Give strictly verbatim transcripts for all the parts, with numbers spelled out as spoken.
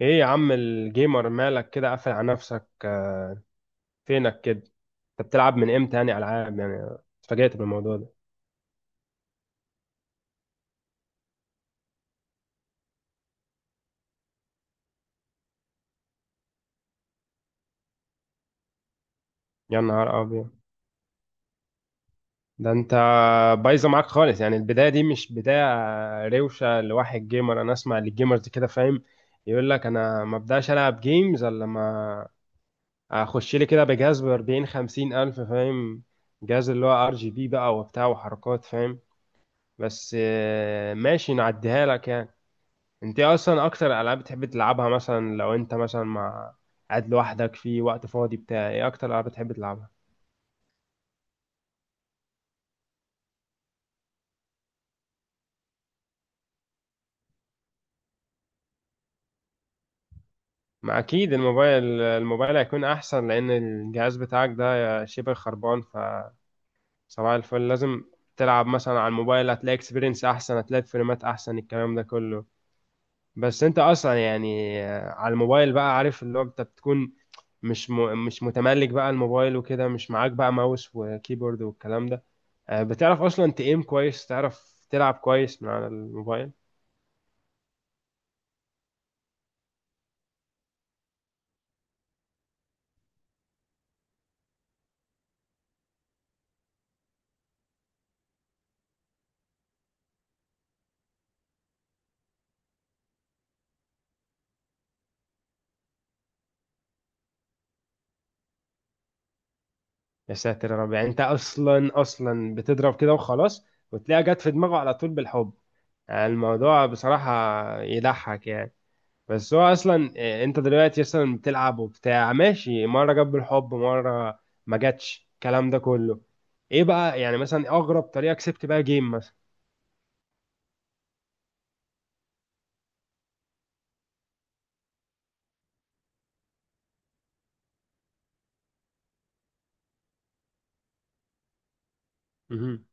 ايه يا عم الجيمر مالك كده قافل على نفسك آه، فينك كده. انت بتلعب من امتى يعني العاب يعني؟ اتفاجأت بالموضوع ده. يا نهار ابيض، ده انت بايظه معاك خالص. يعني البدايه دي مش بدايه روشه لواحد جيمر. انا اسمع للجيمرز كده، فاهم؟ يقول لك انا ما ابداش العب جيمز الا لما اخش لي كده بجهاز ب اربعين خمسين الف، فاهم؟ جهاز اللي هو ار جي بي بقى وبتاع وحركات، فاهم؟ بس آه، ماشي، نعديها لك يعني. انت ايه اصلا اكتر العاب بتحب تلعبها؟ مثلا لو انت مثلا مع، قاعد لوحدك في وقت فاضي بتاع، ايه اكتر العاب بتحب تلعبها؟ ما اكيد الموبايل، الموبايل هيكون احسن لان الجهاز بتاعك ده شبه خربان، ف صباح الفل، لازم تلعب مثلا على الموبايل. هتلاقي اكسبيرينس احسن، هتلاقي فريمات احسن، الكلام ده كله. بس انت اصلا يعني على الموبايل بقى، عارف اللي هو انت بتكون مش م... مش متملك بقى الموبايل، وكده مش معاك بقى ماوس وكيبورد والكلام ده. آه، بتعرف اصلا تقيم كويس؟ تعرف تلعب كويس من على الموبايل؟ يا ساتر يا رب. يعني انت اصلا اصلا بتضرب كده وخلاص وتلاقيها جت في دماغه على طول بالحب؟ يعني الموضوع بصراحة يضحك يعني. بس هو اصلا آه، انت دلوقتي اصلا بتلعب وبتاع، ماشي، مرة جت بالحب، مرة ما جاتش، الكلام ده كله. ايه بقى يعني مثلا اغرب طريقة كسبت بقى جيم مثلا؟ مهم.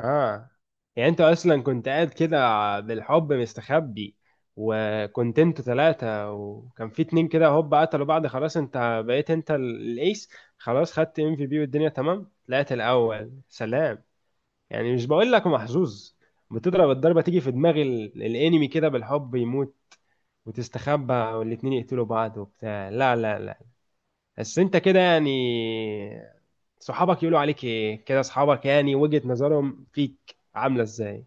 اه يعني انت اصلا كنت قاعد كده ع- بالحب مستخبي، وكنت انتوا ثلاثة، وكان في اتنين كده هوب قتلوا بعض، خلاص انت بقيت انت ال- الايس، خلاص، خدت ام في بي، والدنيا تمام، طلعت الاول، سلام. يعني مش بقول لك محظوظ، بتضرب الضربة تيجي في دماغ ال- الانمي كده بالحب يموت، وتستخبى والاتنين يقتلوا بعض وبتاع، لا لا لا. بس انت كده يعني صحابك يقولوا عليك ايه كده؟ صحابك يعني وجهة نظرهم فيك عاملة ازاي؟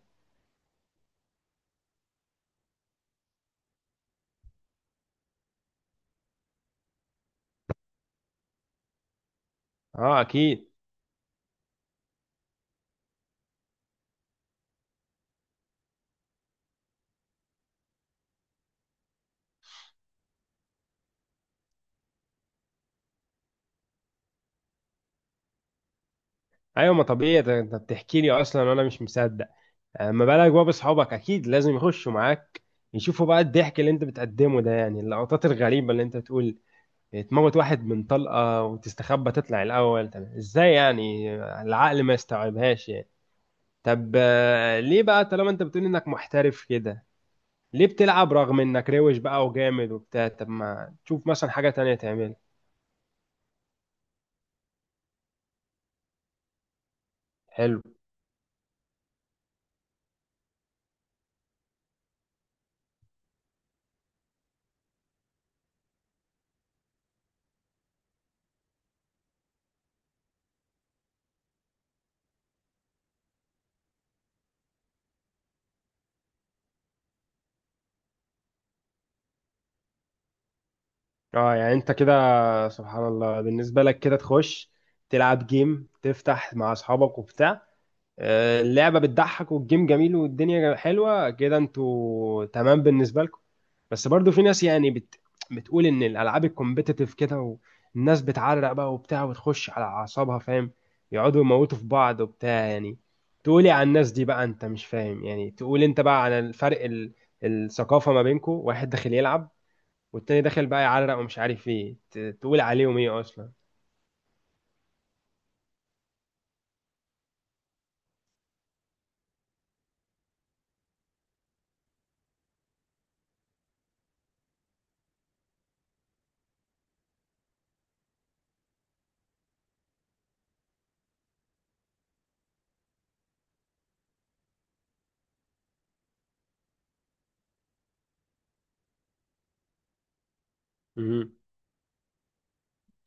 اه اكيد. ايوه، ما طبيعي، ده انت بتحكي لي اصلا وانا مش مصدق. اما بالك بقى باصحابك، اكيد لازم يخشوا معاك يشوفوا بقى الضحك اللي انت بتقدمه ده، يعني اللقطات الغريبه اللي انت تقول، تموت واحد من طلقه وتستخبى تطلع الاول، طب ازاي يعني؟ العقل ما يستوعبهاش يعني. طب آه، ليه بقى طالما انت بتقول انك محترف كده، ليه بتلعب رغم انك روش بقى وجامد وبتاع؟ طب ما تشوف مثلا حاجه تانية تعملها. حلو. اه يعني انت كده، سبحان الله، بالنسبة لك كده تخش تلعب جيم، تفتح مع اصحابك وبتاع، آه، اللعبة بتضحك والجيم جميل والدنيا حلوة كده، انتوا تمام بالنسبة لكم. بس برضو في ناس يعني بت... بتقول ان الالعاب الكومبيتيتيف كده، والناس بتعرق بقى وبتاع وتخش على اعصابها، فاهم؟ يقعدوا يموتوا في بعض وبتاع يعني. تقولي على الناس دي بقى؟ انت مش فاهم يعني، تقول انت بقى على الفرق ال... الثقافة ما بينكم؟ واحد داخل يلعب، والتاني داخل بقى يعرق ومش عارف ايه، ت- تقول عليهم ايه اصلا؟ مهم.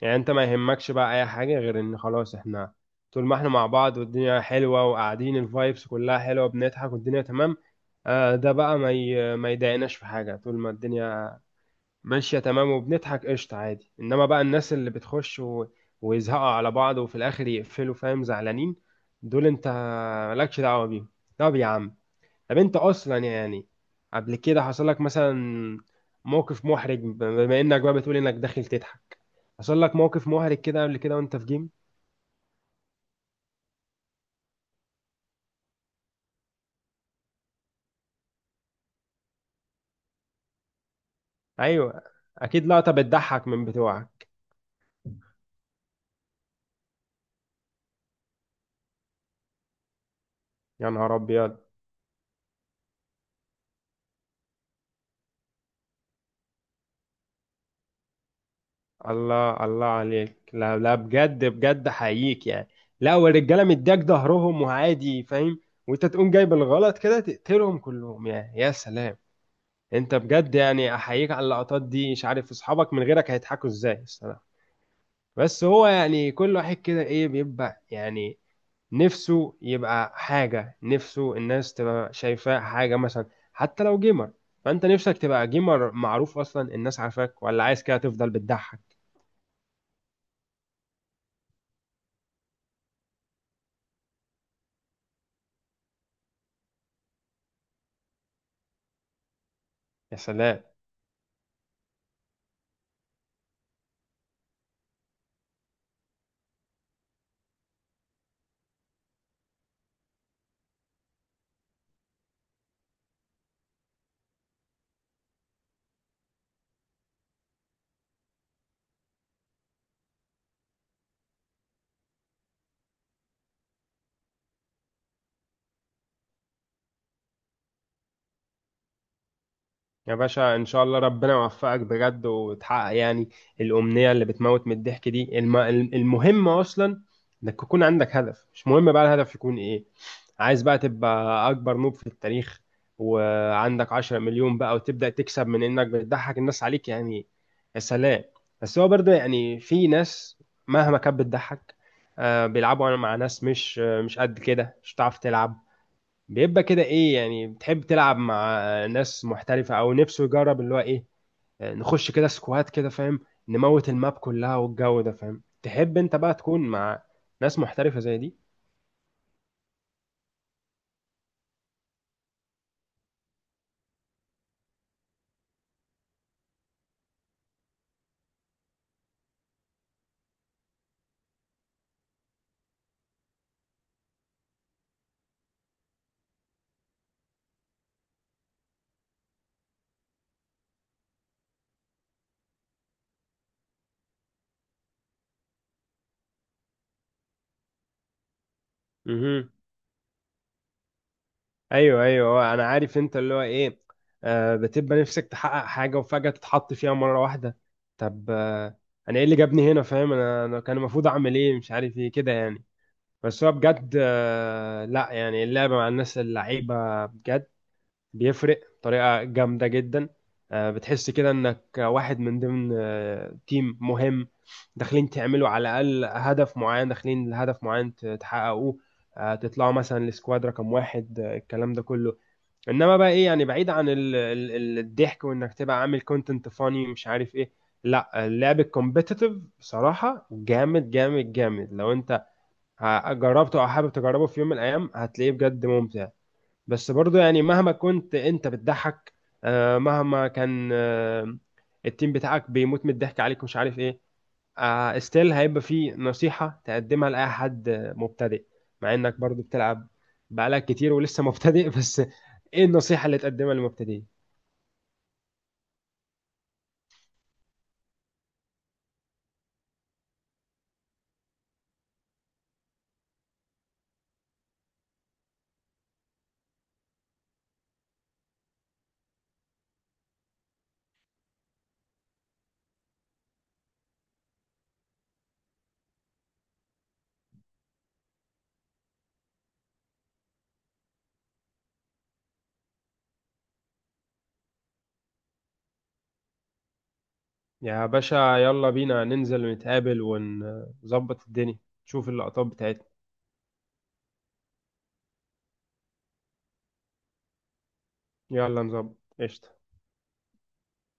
يعني انت ما يهمكش بقى اي حاجه غير ان خلاص، احنا طول ما احنا مع بعض والدنيا حلوه وقاعدين الفايبس كلها حلوه، بنضحك والدنيا تمام، آه، ده بقى ما ي... ما يضايقناش في حاجه. طول ما الدنيا ماشيه تمام وبنضحك، قشطه عادي. انما بقى الناس اللي بتخش و... ويزهقوا على بعض وفي الاخر يقفلوا، فاهم، زعلانين، دول انت مالكش دعوه بيهم. طب يا عم، طب انت اصلا يعني قبل كده حصل لك مثلا موقف محرج؟ بما انك بقى بتقول انك داخل تضحك، حصل لك موقف محرج كده قبل كده وانت في جيم؟ ايوه، اكيد لقطة بتضحك من بتوعك. يا نهار ابيض. الله الله عليك، لا لا، بجد بجد، حقيقي يعني. لا، والرجاله مديك ظهرهم وعادي، فاهم، وانت تقوم جايب الغلط كده تقتلهم كلهم، يعني يا سلام. انت بجد يعني احييك على اللقطات دي، مش عارف اصحابك من غيرك هيضحكوا ازاي الصراحة. بس هو يعني كل واحد كده ايه بيبقى يعني نفسه يبقى حاجة، نفسه الناس تبقى شايفاه حاجة مثلا، حتى لو جيمر، فانت نفسك تبقى جيمر معروف اصلا الناس عارفاك؟ ولا عايز كده تفضل بتضحك؟ يا سلام. يا باشا ان شاء الله ربنا يوفقك بجد وتحقق يعني الامنية اللي بتموت من الضحك دي. الم... المهم اصلا انك يكون عندك هدف، مش مهم بقى الهدف يكون ايه. عايز بقى تبقى اكبر نوب في التاريخ وعندك عشرة مليون بقى وتبدأ تكسب من انك بتضحك الناس عليك، يعني يا سلام. بس هو برضه يعني في ناس مهما كانت بتضحك، آه، بيلعبوا مع ناس مش آه، مش قد كده، مش هتعرف تلعب. بيبقى كده ايه يعني؟ بتحب تلعب مع آه، ناس محترفة، او نفسه يجرب اللي هو ايه، آه، نخش كده سكوات كده، فاهم، نموت الماب كلها والجو ده، فاهم؟ تحب انت بقى تكون مع ناس محترفة زي دي؟ مهم. ايوه ايوه، انا عارف انت اللي هو ايه، آه، بتبقى نفسك تحقق حاجه وفجاه تتحط فيها مره واحده. طب آه، انا ايه اللي جابني هنا، فاهم؟ انا انا كان المفروض اعمل ايه مش عارف ايه كده يعني. بس هو بجد آه، لا يعني اللعبه مع الناس اللعيبه بجد بيفرق بطريقه جامده جدا. آه، بتحس كده انك واحد من ضمن آه تيم مهم، داخلين تعملوا على الاقل هدف معين، داخلين لهدف معين ت- تحققوه، آه تطلعوا مثلا لسكواد رقم واحد، آه، الكلام ده كله. انما بقى ايه يعني بعيد عن ال ال ال- الضحك وانك تبقى عامل كونتنت فاني مش عارف ايه، لا، اللعب الكومبيتيتيف بصراحة جامد جامد جامد. لو انت ه- جربته او حابب تجربه في يوم من الايام، هتلاقيه بجد ممتع. بس برضو يعني مهما كنت انت بتضحك، آه، مهما كان آه، التيم بتاعك بيموت من الضحك عليك مش عارف ايه، آه، ستيل هيبقى في نصيحة تقدمها لأي حد مبتدئ، مع إنك برضو بتلعب بقالك كتير ولسه مبتدئ بس إيه النصيحة اللي تقدمها للمبتدئين؟ يا باشا يلا بينا ننزل نتقابل ونظبط الدنيا، نشوف اللقطات بتاعتنا. يلا نظبط قشطة.